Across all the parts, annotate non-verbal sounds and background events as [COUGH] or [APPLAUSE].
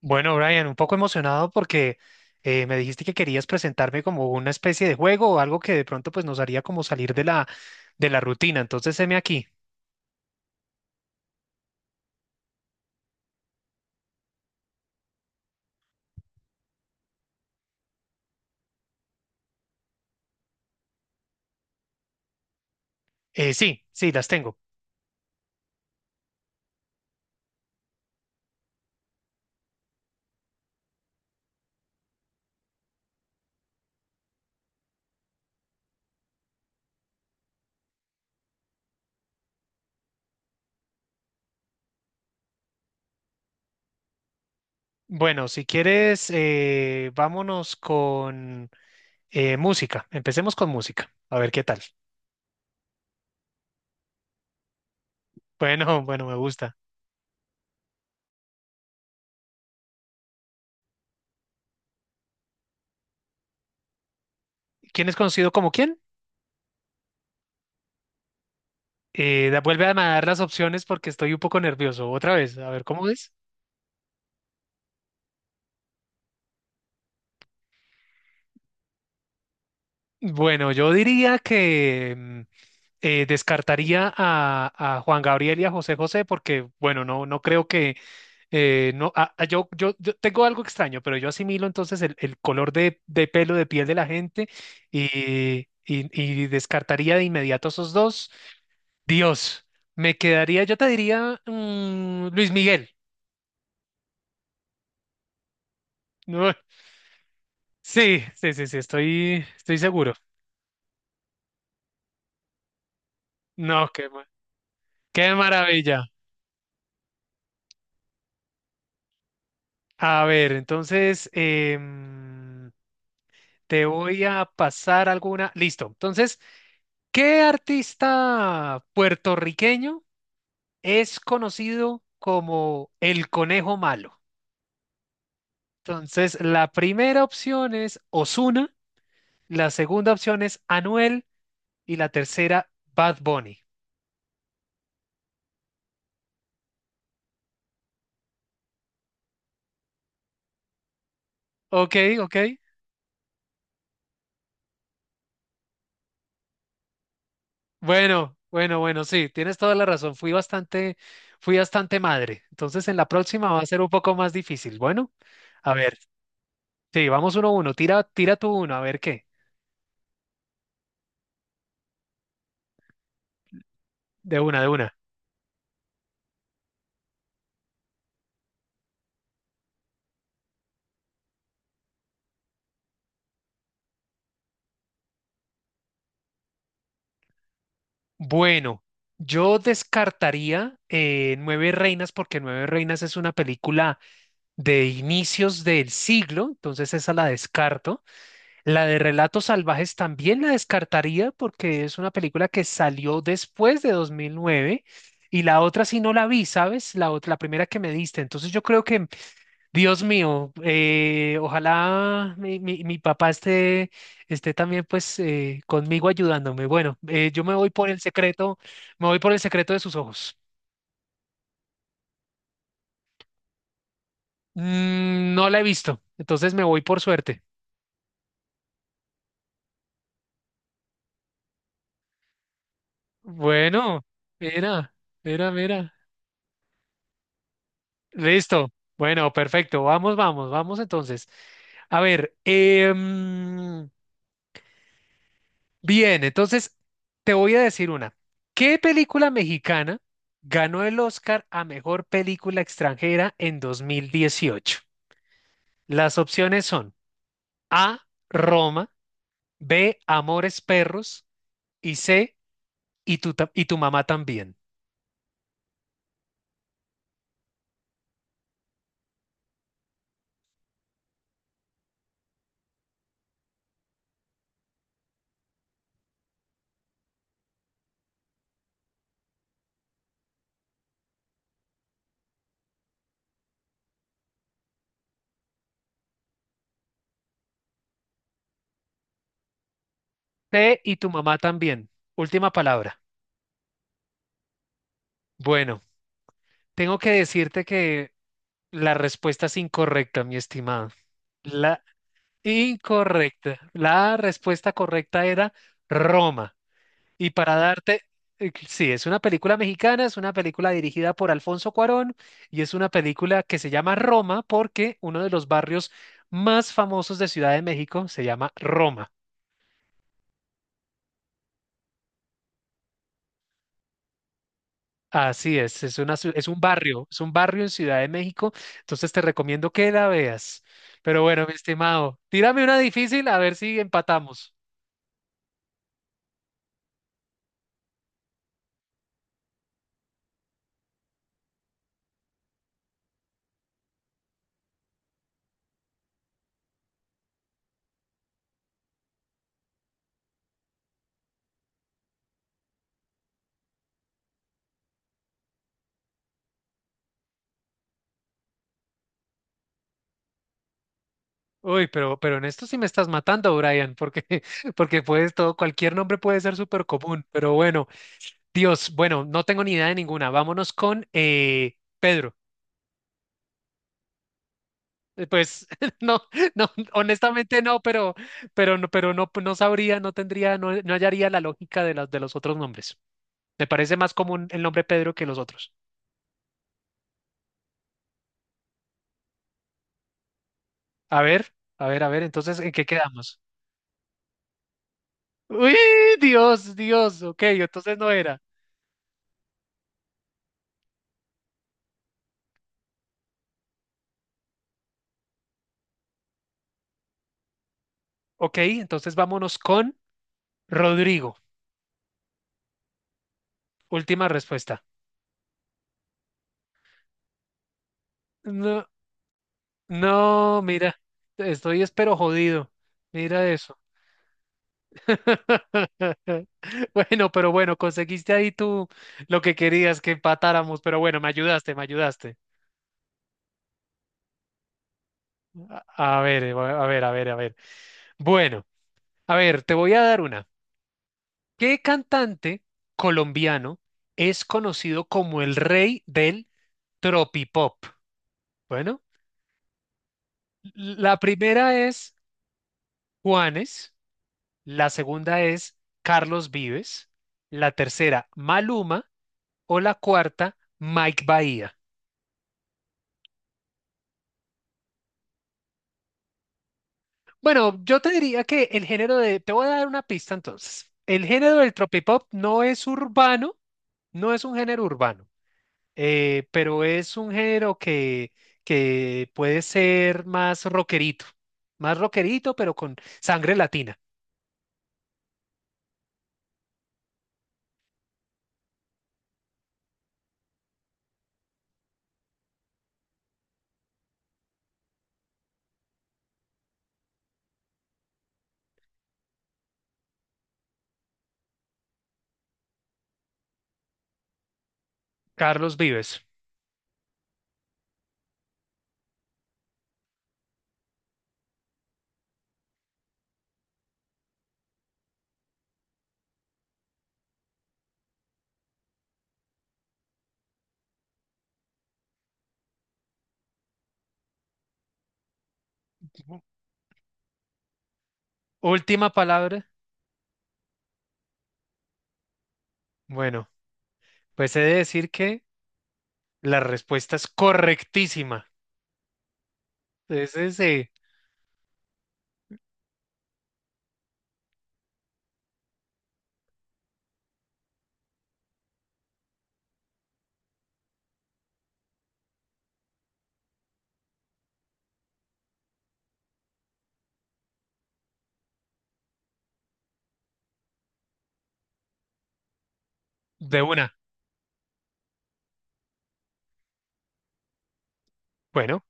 Bueno, Brian, un poco emocionado porque me dijiste que querías presentarme como una especie de juego o algo que de pronto pues nos haría como salir de la rutina. Entonces, heme aquí. Sí, sí, las tengo. Bueno, si quieres, vámonos con música. Empecemos con música. A ver qué tal. Bueno, [LAUGHS] bueno, me gusta. ¿Quién es conocido como quién? Vuelve a dar las opciones porque estoy un poco nervioso. Otra vez, a ver cómo es. Bueno, yo diría que descartaría a Juan Gabriel y a José José porque, bueno, no creo que, no, a- yo tengo algo extraño, pero yo asimilo entonces el color de pelo, de piel de la gente y descartaría de inmediato esos dos. Dios, me quedaría, yo te diría Luis Miguel. [LAUGHS] No, sí, sí, sí, sí, estoy seguro. No, qué, qué maravilla. A ver, entonces te voy a pasar alguna. Listo. Entonces, ¿qué artista puertorriqueño es conocido como el conejo malo? Entonces, la primera opción es Ozuna, la segunda opción es Anuel y la tercera Bad Bunny. Ok, ok. Bueno, bueno, bueno, sí, tienes toda la razón. Fui bastante madre. Entonces, en la próxima va a ser un poco más difícil. Bueno, a ver. Sí, vamos uno a uno. Tira, tira tú uno, a ver qué. De una, de una. Bueno, yo descartaría Nueve Reinas porque Nueve Reinas es una película de inicios del siglo, entonces esa la descarto. La de Relatos Salvajes también la descartaría porque es una película que salió después de 2009 y la otra sí no la vi, ¿sabes? La primera que me diste. Entonces yo creo que Dios mío, ojalá mi papá esté, esté también pues conmigo ayudándome. Bueno, yo me voy por el secreto, me voy por el secreto de sus ojos. Mm, no la he visto, entonces me voy por suerte. Bueno, mira, mira, mira. Listo. Bueno, perfecto. Vamos, vamos, vamos entonces. A ver, bien, entonces te voy a decir una. ¿Qué película mexicana ganó el Oscar a mejor película extranjera en 2018? Las opciones son A, Roma, B, Amores Perros y C, y tu mamá también. C, y tu mamá también. Última palabra. Bueno, tengo que decirte que la respuesta es incorrecta, mi estimado. La incorrecta. La respuesta correcta era Roma. Y para darte, sí, es una película mexicana, es una película dirigida por Alfonso Cuarón y es una película que se llama Roma porque uno de los barrios más famosos de Ciudad de México se llama Roma. Así es, es un barrio en Ciudad de México, entonces te recomiendo que la veas. Pero bueno, mi estimado, tírame una difícil a ver si empatamos. Uy, pero en esto sí me estás matando, Brian, porque, [LAUGHS] porque puedes todo, cualquier nombre puede ser súper común, pero bueno. Dios, bueno, no tengo ni idea de ninguna. Vámonos con Pedro. Pues [LAUGHS] no, no, honestamente no, pero no, no sabría, no tendría, no, no hallaría la lógica de las de los otros nombres. Me parece más común el nombre Pedro que los otros. A ver, a ver, a ver, entonces, ¿en qué quedamos? Uy, Dios, Dios, ok, entonces no era. Ok, entonces vámonos con Rodrigo. Última respuesta. No, no, mira, estoy espero jodido. Mira eso. [LAUGHS] Bueno, pero bueno, conseguiste ahí tú lo que querías que empatáramos, pero bueno, me ayudaste, me ayudaste. A ver, a ver, a ver. Bueno, a ver, te voy a dar una. ¿Qué cantante colombiano es conocido como el rey del tropipop? Bueno, la primera es Juanes, la segunda es Carlos Vives, la tercera Maluma o la cuarta Mike Bahía. Bueno, yo te diría que el género de... Te voy a dar una pista entonces. El género del tropipop no es urbano, no es un género urbano, pero es un género que puede ser más rockerito, pero con sangre latina. Carlos Vives. Ujú. Última palabra. Bueno, pues he de decir que la respuesta es correctísima. Entonces, de una. Bueno,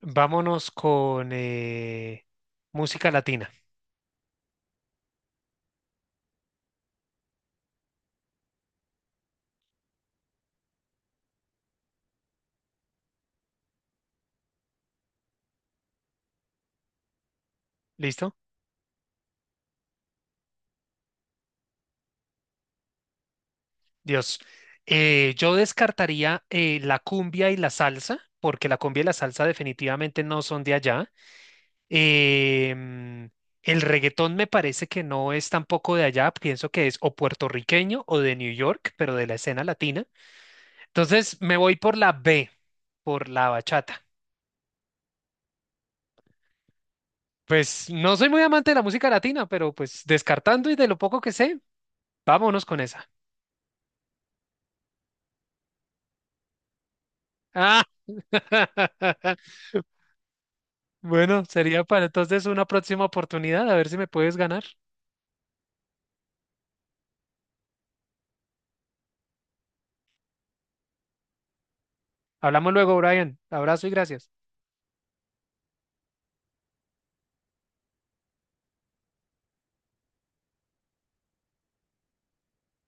vámonos con música latina. ¿Listo? Dios. Yo descartaría la cumbia y la salsa, porque la cumbia y la salsa definitivamente no son de allá. Em, el reggaetón me parece que no es tampoco de allá, pienso que es o puertorriqueño o de New York, pero de la escena latina. Entonces me voy por la B, por la bachata. Pues no soy muy amante de la música latina, pero pues descartando y de lo poco que sé, vámonos con esa. Ah. [LAUGHS] Bueno, sería para entonces una próxima oportunidad, a ver si me puedes ganar. Hablamos luego, Brian. Abrazo y gracias.